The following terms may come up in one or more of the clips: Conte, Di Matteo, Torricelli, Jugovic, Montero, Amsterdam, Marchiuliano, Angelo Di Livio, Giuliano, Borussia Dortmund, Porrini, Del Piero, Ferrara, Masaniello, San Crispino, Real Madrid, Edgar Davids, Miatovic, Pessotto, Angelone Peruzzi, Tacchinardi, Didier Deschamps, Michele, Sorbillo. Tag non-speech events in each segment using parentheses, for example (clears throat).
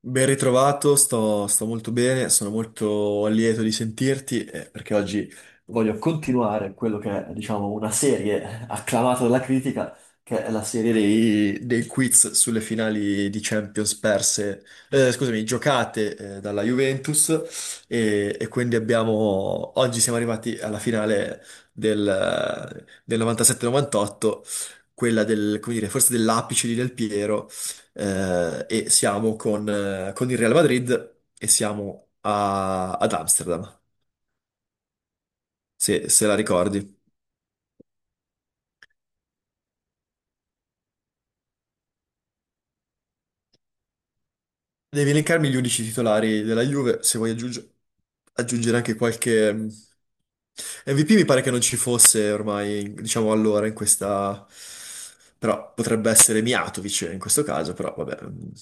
Ben ritrovato, sto molto bene, sono molto lieto di sentirti perché oggi voglio continuare quello che è, diciamo, una serie acclamata dalla critica, che è la serie dei quiz sulle finali di Champions perse, scusami, giocate dalla Juventus e quindi abbiamo, oggi siamo arrivati alla finale del 97-98, quella del, come dire, forse dell'apice di Del Piero e siamo con il Real Madrid e siamo ad Amsterdam, se la ricordi. Devi elencarmi gli unici titolari della Juve, se vuoi aggiungere anche qualche MVP. Mi pare che non ci fosse ormai, diciamo allora, in questa... Però potrebbe essere Miatovic in questo caso, però vabbè. Mm.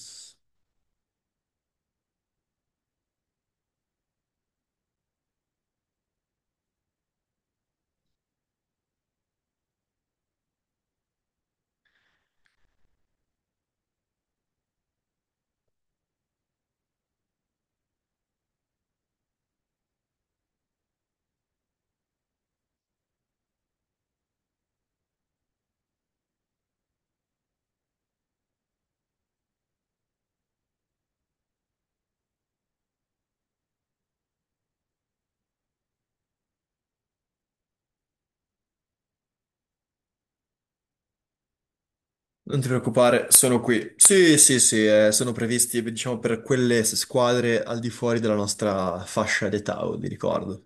Non ti preoccupare, sono qui. Sì, sì, sì, sono previsti, diciamo, per quelle squadre al di fuori della nostra fascia d'età, vi ricordo.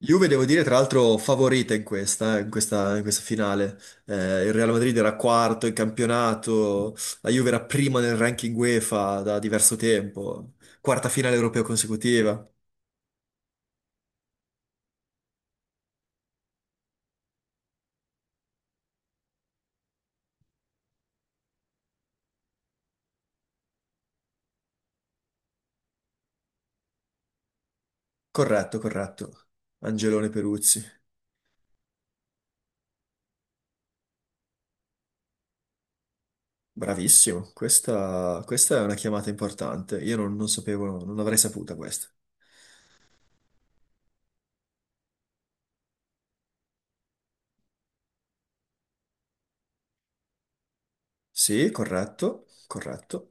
Juve, devo dire, tra l'altro, favorita in questa finale. Il Real Madrid era quarto in campionato, la Juve era prima nel ranking UEFA da diverso tempo, quarta finale europea consecutiva. Corretto, corretto. Angelone Peruzzi. Bravissimo, questa è una chiamata importante. Io non, non sapevo, non avrei saputa questa. Sì, corretto, corretto.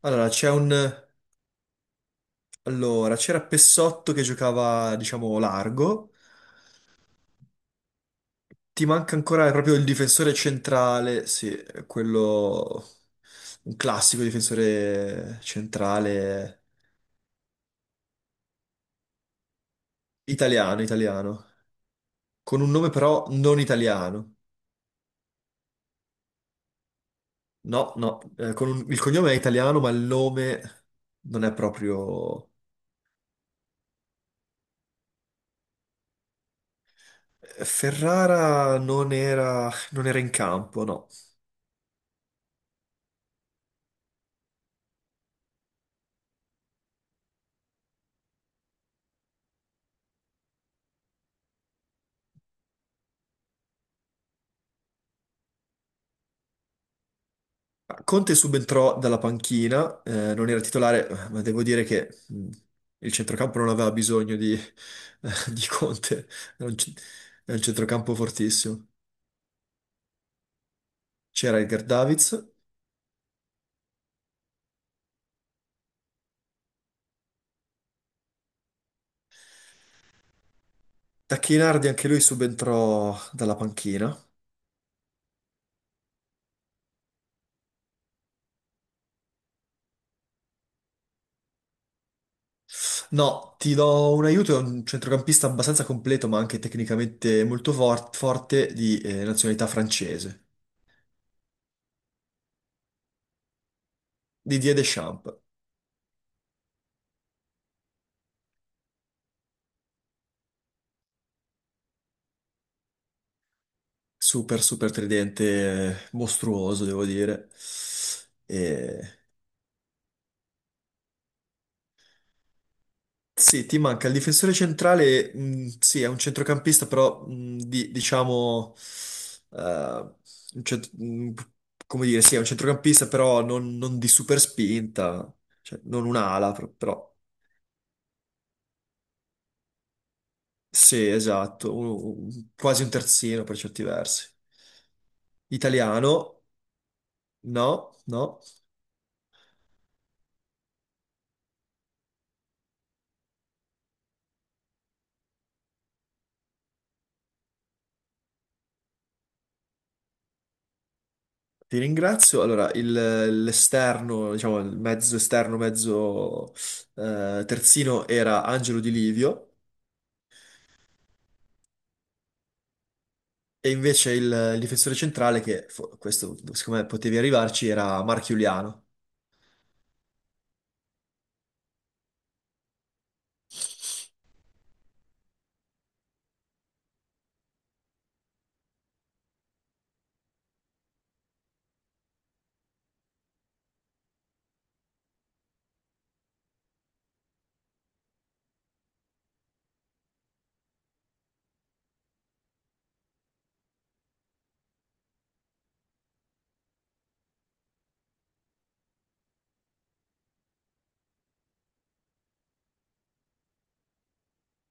Allora, c'è un... Allora, c'era Pessotto che giocava, diciamo, largo. Ti manca ancora proprio il difensore centrale, sì, quello... Un classico difensore centrale italiano, italiano. Con un nome però non italiano. No, no, con il cognome è italiano, ma il nome non è proprio... Eh, Ferrara non era, non era in campo, no. Conte subentrò dalla panchina, non era titolare, ma devo dire che il centrocampo non aveva bisogno di, (laughs) di Conte, era era un centrocampo fortissimo. C'era Edgar Davids, Tacchinardi anche lui subentrò dalla panchina. No, ti do un aiuto, è un centrocampista abbastanza completo, ma anche tecnicamente molto forte di nazionalità francese, Didier Deschamps. Super, super tridente, mostruoso, devo dire. E Sì, ti manca il difensore centrale, sì, è un centrocampista, però diciamo, eh, un cent- mh, come dire, sì, è un centrocampista, però non, non di super spinta, cioè non un'ala, però sì, esatto, quasi un terzino per certi versi. Italiano, no, no, ti ringrazio. Allora, l'esterno, diciamo, il mezzo esterno, mezzo terzino era Angelo Di Livio. E invece il difensore centrale, che questo secondo me potevi arrivarci, era Marchiuliano.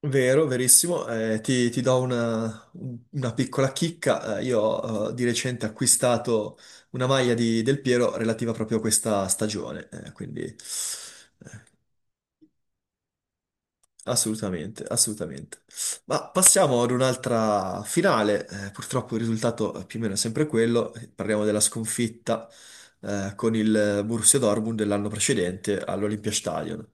Vero, verissimo. Ti do una piccola chicca. Io ho di recente acquistato una maglia di Del Piero relativa proprio a questa stagione, quindi assolutamente, assolutamente. Ma passiamo ad un'altra finale. Eh, purtroppo il risultato è più o meno sempre quello. Parliamo della sconfitta con il Borussia Dortmund dell'anno precedente all'Olympiastadion.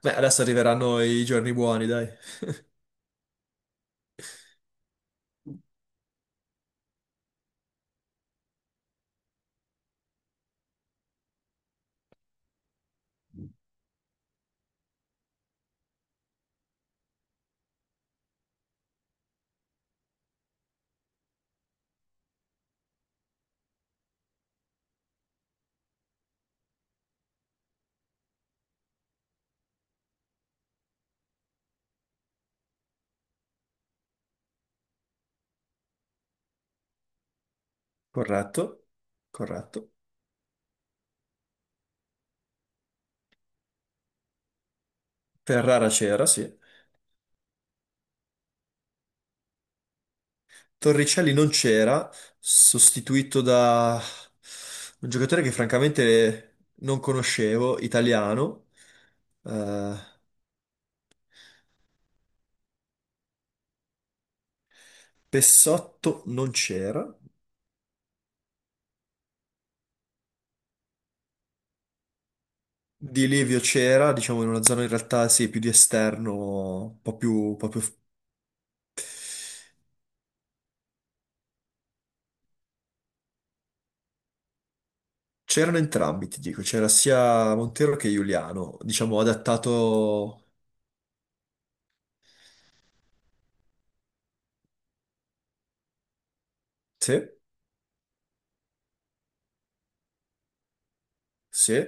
Beh, adesso arriveranno i giorni buoni, dai. Corretto, corretto. Ferrara c'era, sì. Torricelli non c'era, sostituito da un giocatore che francamente non conoscevo, italiano. Eh, Pessotto non c'era, di Livio c'era, diciamo in una zona in realtà sì, più di esterno, un po' più... C'erano entrambi, ti dico, c'era sia Montero che Giuliano, diciamo adattato... Sì, sì,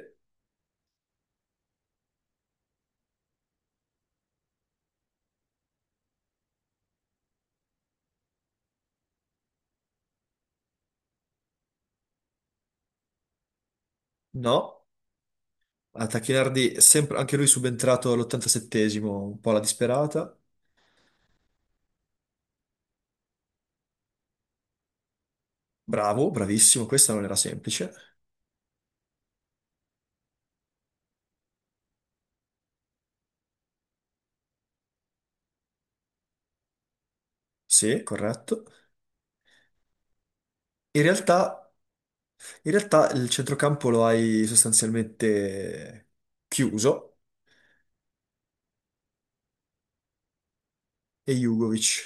no, a Tacchinardi, sempre, anche lui subentrato all'87esimo, un po' alla disperata, bravo, bravissimo, questa non era semplice, sì, corretto. In realtà, in realtà il centrocampo lo hai sostanzialmente chiuso e Jugovic.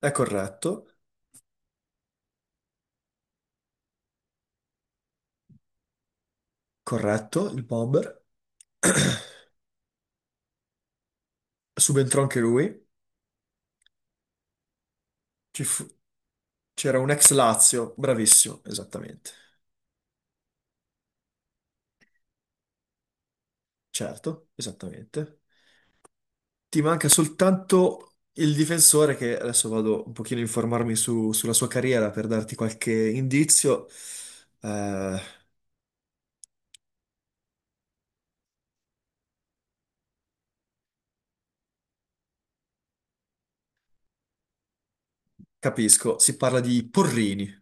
È corretto, corretto, il bomber. (clears throat) Subentrò anche lui. Ci fu- C'era un ex Lazio, bravissimo, esattamente. Certo, esattamente. Ti manca soltanto il difensore che adesso vado un pochino a informarmi sulla sua carriera per darti qualche indizio. Eh, capisco, si parla di Porrini.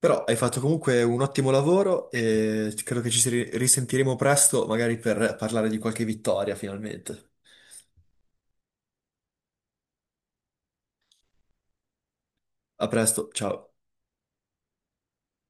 Però hai fatto comunque un ottimo lavoro e credo che ci si risentiremo presto, magari per parlare di qualche vittoria finalmente. A presto, ciao.